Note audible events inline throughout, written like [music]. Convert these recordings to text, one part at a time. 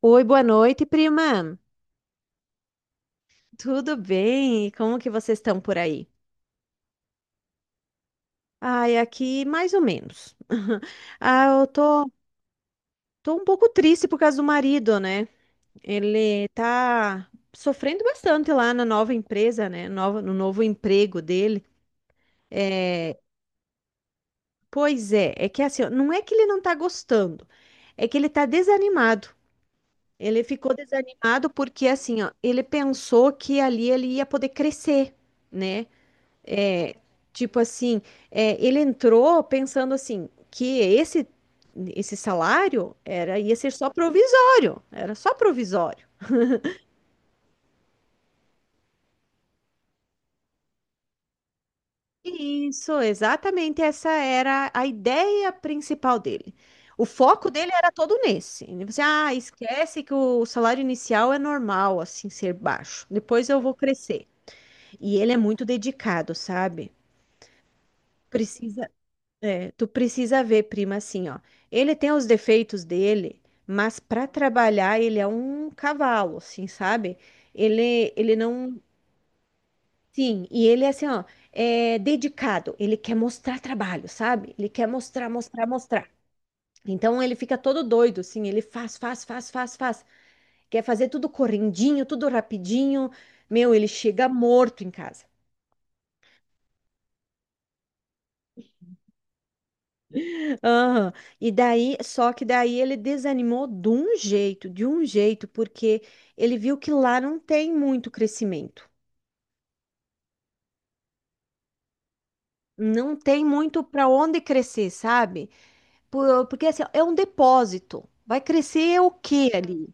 Oi, boa noite, prima. Tudo bem? E como que vocês estão por aí? Ai, aqui mais ou menos. [laughs] Ah, eu tô um pouco triste por causa do marido, né? Ele tá sofrendo bastante lá na nova empresa, né? Nova, no novo emprego dele. É, pois é, é que assim, ó, não é que ele não tá gostando, é que ele tá desanimado. Ele ficou desanimado porque assim, ó, ele pensou que ali ele ia poder crescer, né? É, tipo assim, é, ele entrou pensando assim que esse salário era ia ser só provisório, era só provisório. Isso, exatamente essa era a ideia principal dele. O foco dele era todo nesse. Ele disse, ah, esquece que o salário inicial é normal, assim, ser baixo. Depois eu vou crescer. E ele é muito dedicado, sabe? Precisa, é, tu precisa ver, prima, assim, ó. Ele tem os defeitos dele, mas para trabalhar ele é um cavalo, assim, sabe? Ele não. Sim, e ele é assim, ó, é dedicado. Ele quer mostrar trabalho, sabe? Ele quer mostrar, mostrar, mostrar. Então ele fica todo doido, assim, ele faz, faz, faz, faz, faz. Quer fazer tudo correndinho, tudo rapidinho. Meu, ele chega morto em casa. Aham. E daí, só que daí ele desanimou de um jeito, porque ele viu que lá não tem muito crescimento. Não tem muito para onde crescer, sabe? Porque assim, ó, é um depósito. Vai crescer o quê ali?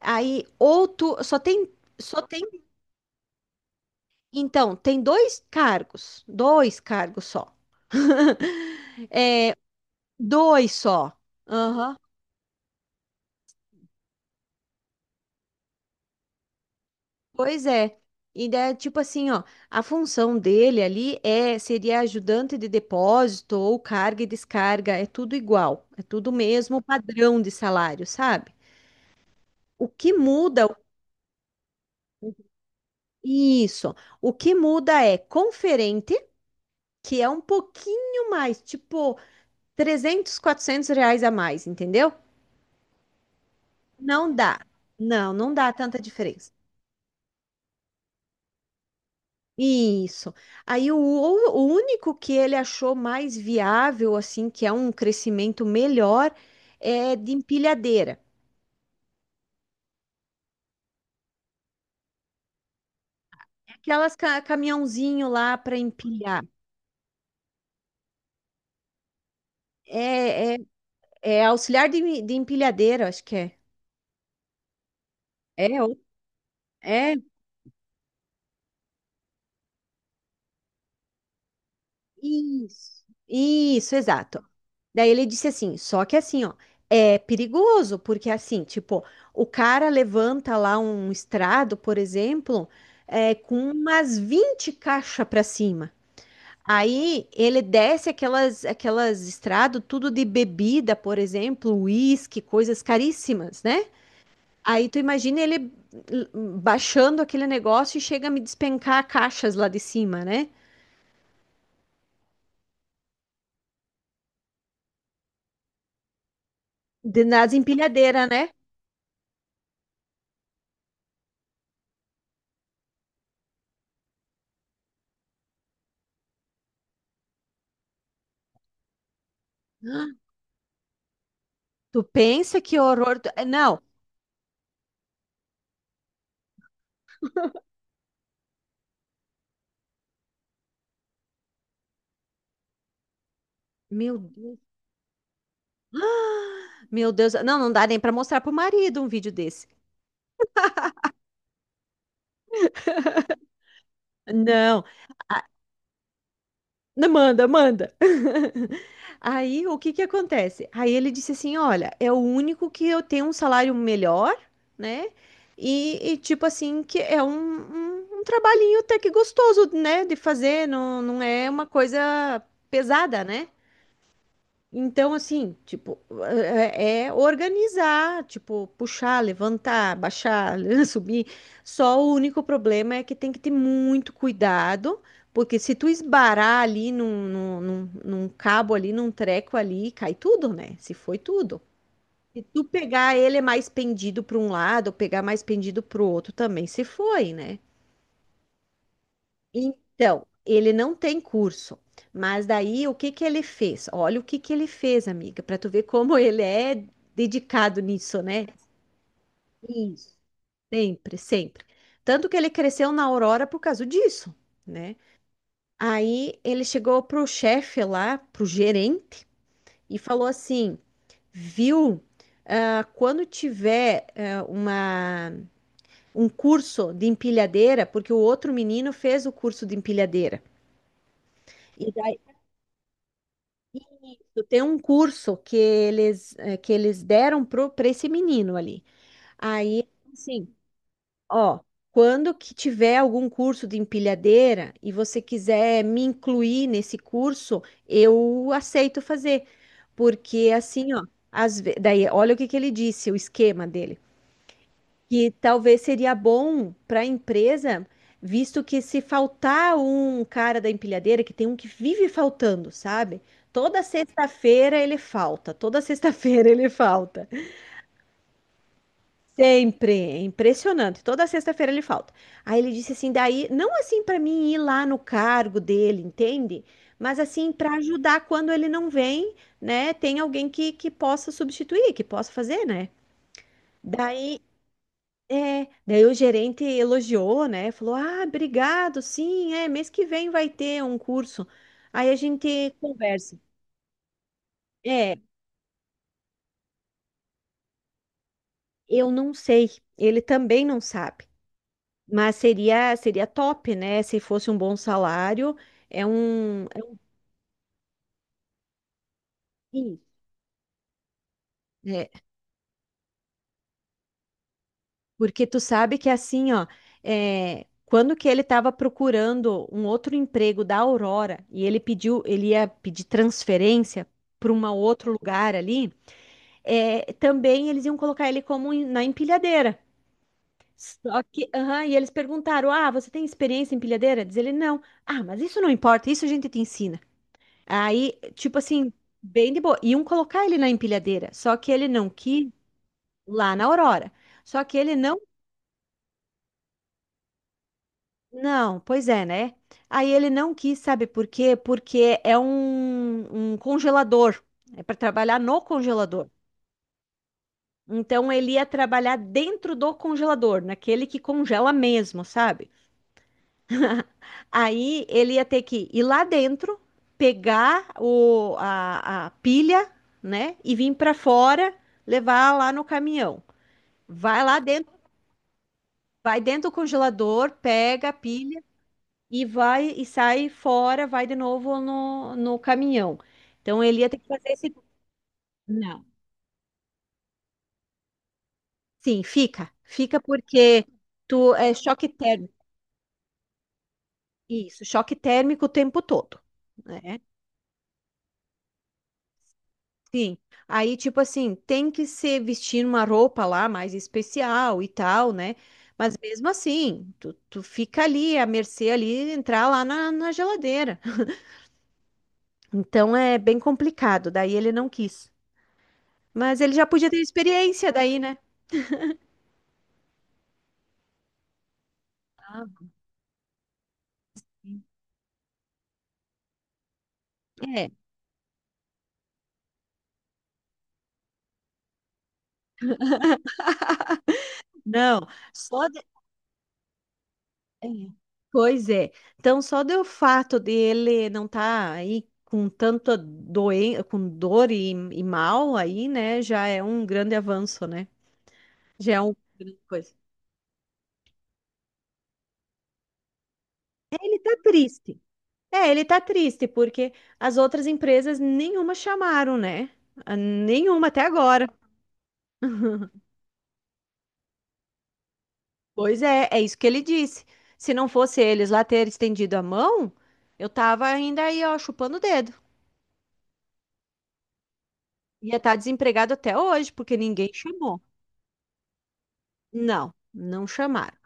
Aí ou tu só tem, então, tem dois cargos só. [laughs] É, dois só. Pois é. E daí, tipo assim, ó, a função dele ali seria ajudante de depósito ou carga e descarga, é tudo igual, é tudo o mesmo padrão de salário, sabe? O que muda, isso, o que muda é conferente, que é um pouquinho mais, tipo 300, 400 reais a mais, entendeu? Não dá, não, não dá tanta diferença. Isso. Aí o único que ele achou mais viável, assim, que é um crescimento melhor, é de empilhadeira. Aquelas caminhãozinho lá para empilhar. É, é auxiliar de empilhadeira, acho que é. É, ou- é Isso, isso, exato. Daí ele disse assim, só que assim, ó, é perigoso, porque assim, tipo, o cara levanta lá um estrado, por exemplo, com umas 20 caixas pra cima. Aí ele desce aquelas estradas, tudo de bebida, por exemplo, uísque, coisas caríssimas, né? Aí tu imagina ele l- baixando aquele negócio e chega a me despencar caixas lá de cima, né? Nas empilhadeiras, né? Tu pensa que horror. Não, meu Deus, meu Deus. Não, não dá nem pra mostrar pro marido um vídeo desse. Não, não manda, manda. [laughs] Aí o que que acontece? Aí ele disse assim: Olha, é o único que eu tenho um salário melhor, né? E, tipo assim, que é um trabalhinho até que gostoso, né? De fazer, não, não é uma coisa pesada, né? Então, assim, tipo, é organizar, tipo, puxar, levantar, baixar, [laughs] subir. Só o único problema é que tem que ter muito cuidado, porque se tu esbarar ali num cabo ali, num treco ali, cai tudo, né? Se foi tudo. Se tu pegar ele mais pendido para um lado, ou pegar mais pendido para o outro também, se foi, né? Então, ele não tem curso, mas daí o que que ele fez? Olha o que que ele fez, amiga, para tu ver como ele é dedicado nisso, né? Isso. Sempre, sempre. Tanto que ele cresceu na Aurora por causa disso, né? Aí ele chegou pro chefe lá, pro gerente, e falou assim: viu, ah, quando tiver um curso de empilhadeira, porque o outro menino fez o curso de empilhadeira. Tem um curso que eles deram para esse menino ali. Aí, assim, ó, quando que tiver algum curso de empilhadeira e você quiser me incluir nesse curso, eu aceito fazer. Porque assim, ó, daí, olha o que que ele disse, o esquema dele que talvez seria bom para a empresa, visto que se faltar um cara da empilhadeira, que tem um que vive faltando, sabe? Toda sexta-feira ele falta, toda sexta-feira [laughs] ele falta. Sempre, é impressionante. Toda sexta-feira ele falta. Aí ele disse assim, daí, não assim para mim ir lá no cargo dele, entende? Mas assim para ajudar quando ele não vem, né? Tem alguém que possa substituir, que possa fazer, né? Daí Daí o gerente elogiou, né? Falou: Ah, obrigado, sim, é, mês que vem vai ter um curso. Aí a gente conversa. É, eu não sei, ele também não sabe, mas seria top, né? Se fosse um bom salário, é um sim, né? Porque tu sabe que assim, ó, quando que ele estava procurando um outro emprego da Aurora e ele ia pedir transferência para um outro lugar ali. Também eles iam colocar ele como na empilhadeira. Só que, aham, e eles perguntaram: Ah, você tem experiência em empilhadeira? Diz ele: Não. Ah, mas isso não importa, isso a gente te ensina. Aí, tipo assim, bem de boa. Iam colocar ele na empilhadeira, só que ele não quis lá na Aurora. Só que ele não. Não, pois é, né? Aí ele não quis, sabe por quê? Porque é um congelador. É para trabalhar no congelador. Então ele ia trabalhar dentro do congelador, naquele que congela mesmo, sabe? Aí ele ia ter que ir lá dentro, pegar a pilha, né? E vir para fora, levar lá no caminhão. Vai lá dentro, vai dentro do congelador, pega a pilha e vai e sai fora, vai de novo no caminhão. Então ele ia ter que fazer esse. Não. Sim, fica. Fica porque tu é choque térmico. Isso, choque térmico o tempo todo, né? Sim. Aí, tipo assim, tem que ser vestir uma roupa lá mais especial e tal, né? Mas mesmo assim, tu fica ali à mercê ali, entrar lá na geladeira. Então é bem complicado, daí ele não quis. Mas ele já podia ter experiência daí, né? Ah. É, não. Só é. Pois é. Então, só do fato de ele não estar aí com tanta doen com dor e mal aí, né, já é um grande avanço, né? Já é uma grande coisa. Ele tá triste. É, ele tá triste porque as outras empresas nenhuma chamaram, né? A Nenhuma até agora. Pois é, é isso que ele disse. Se não fosse eles lá ter estendido a mão, eu tava ainda aí, ó, chupando o dedo. Ia estar desempregado até hoje, porque ninguém chamou. Não, não chamaram.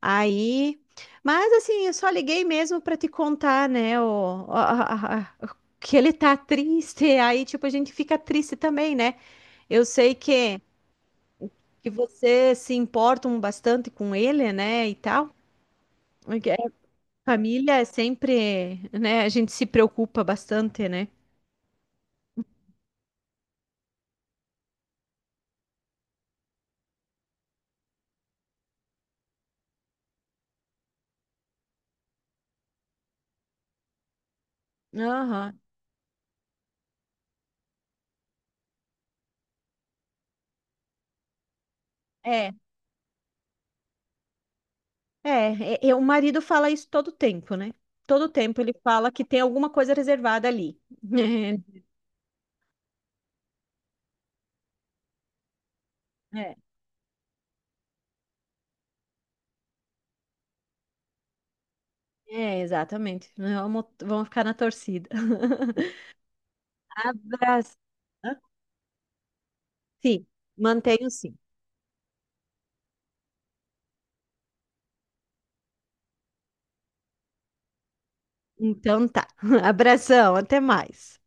Aí, mas assim, eu só liguei mesmo para te contar, né, o, a- que ele tá triste. Aí, tipo, a gente fica triste também, né? Eu sei que vocês se importam bastante com ele, né, e tal. Porque a família é sempre, né, a gente se preocupa bastante, né? Aham, É, é, o marido fala isso todo tempo, né? Todo tempo ele fala que tem alguma coisa reservada ali. [laughs] É, exatamente. Vamos, vamos ficar na torcida. [laughs] Abraço. Hã? Sim, mantenho sim. Então tá. [laughs] Abração, até mais.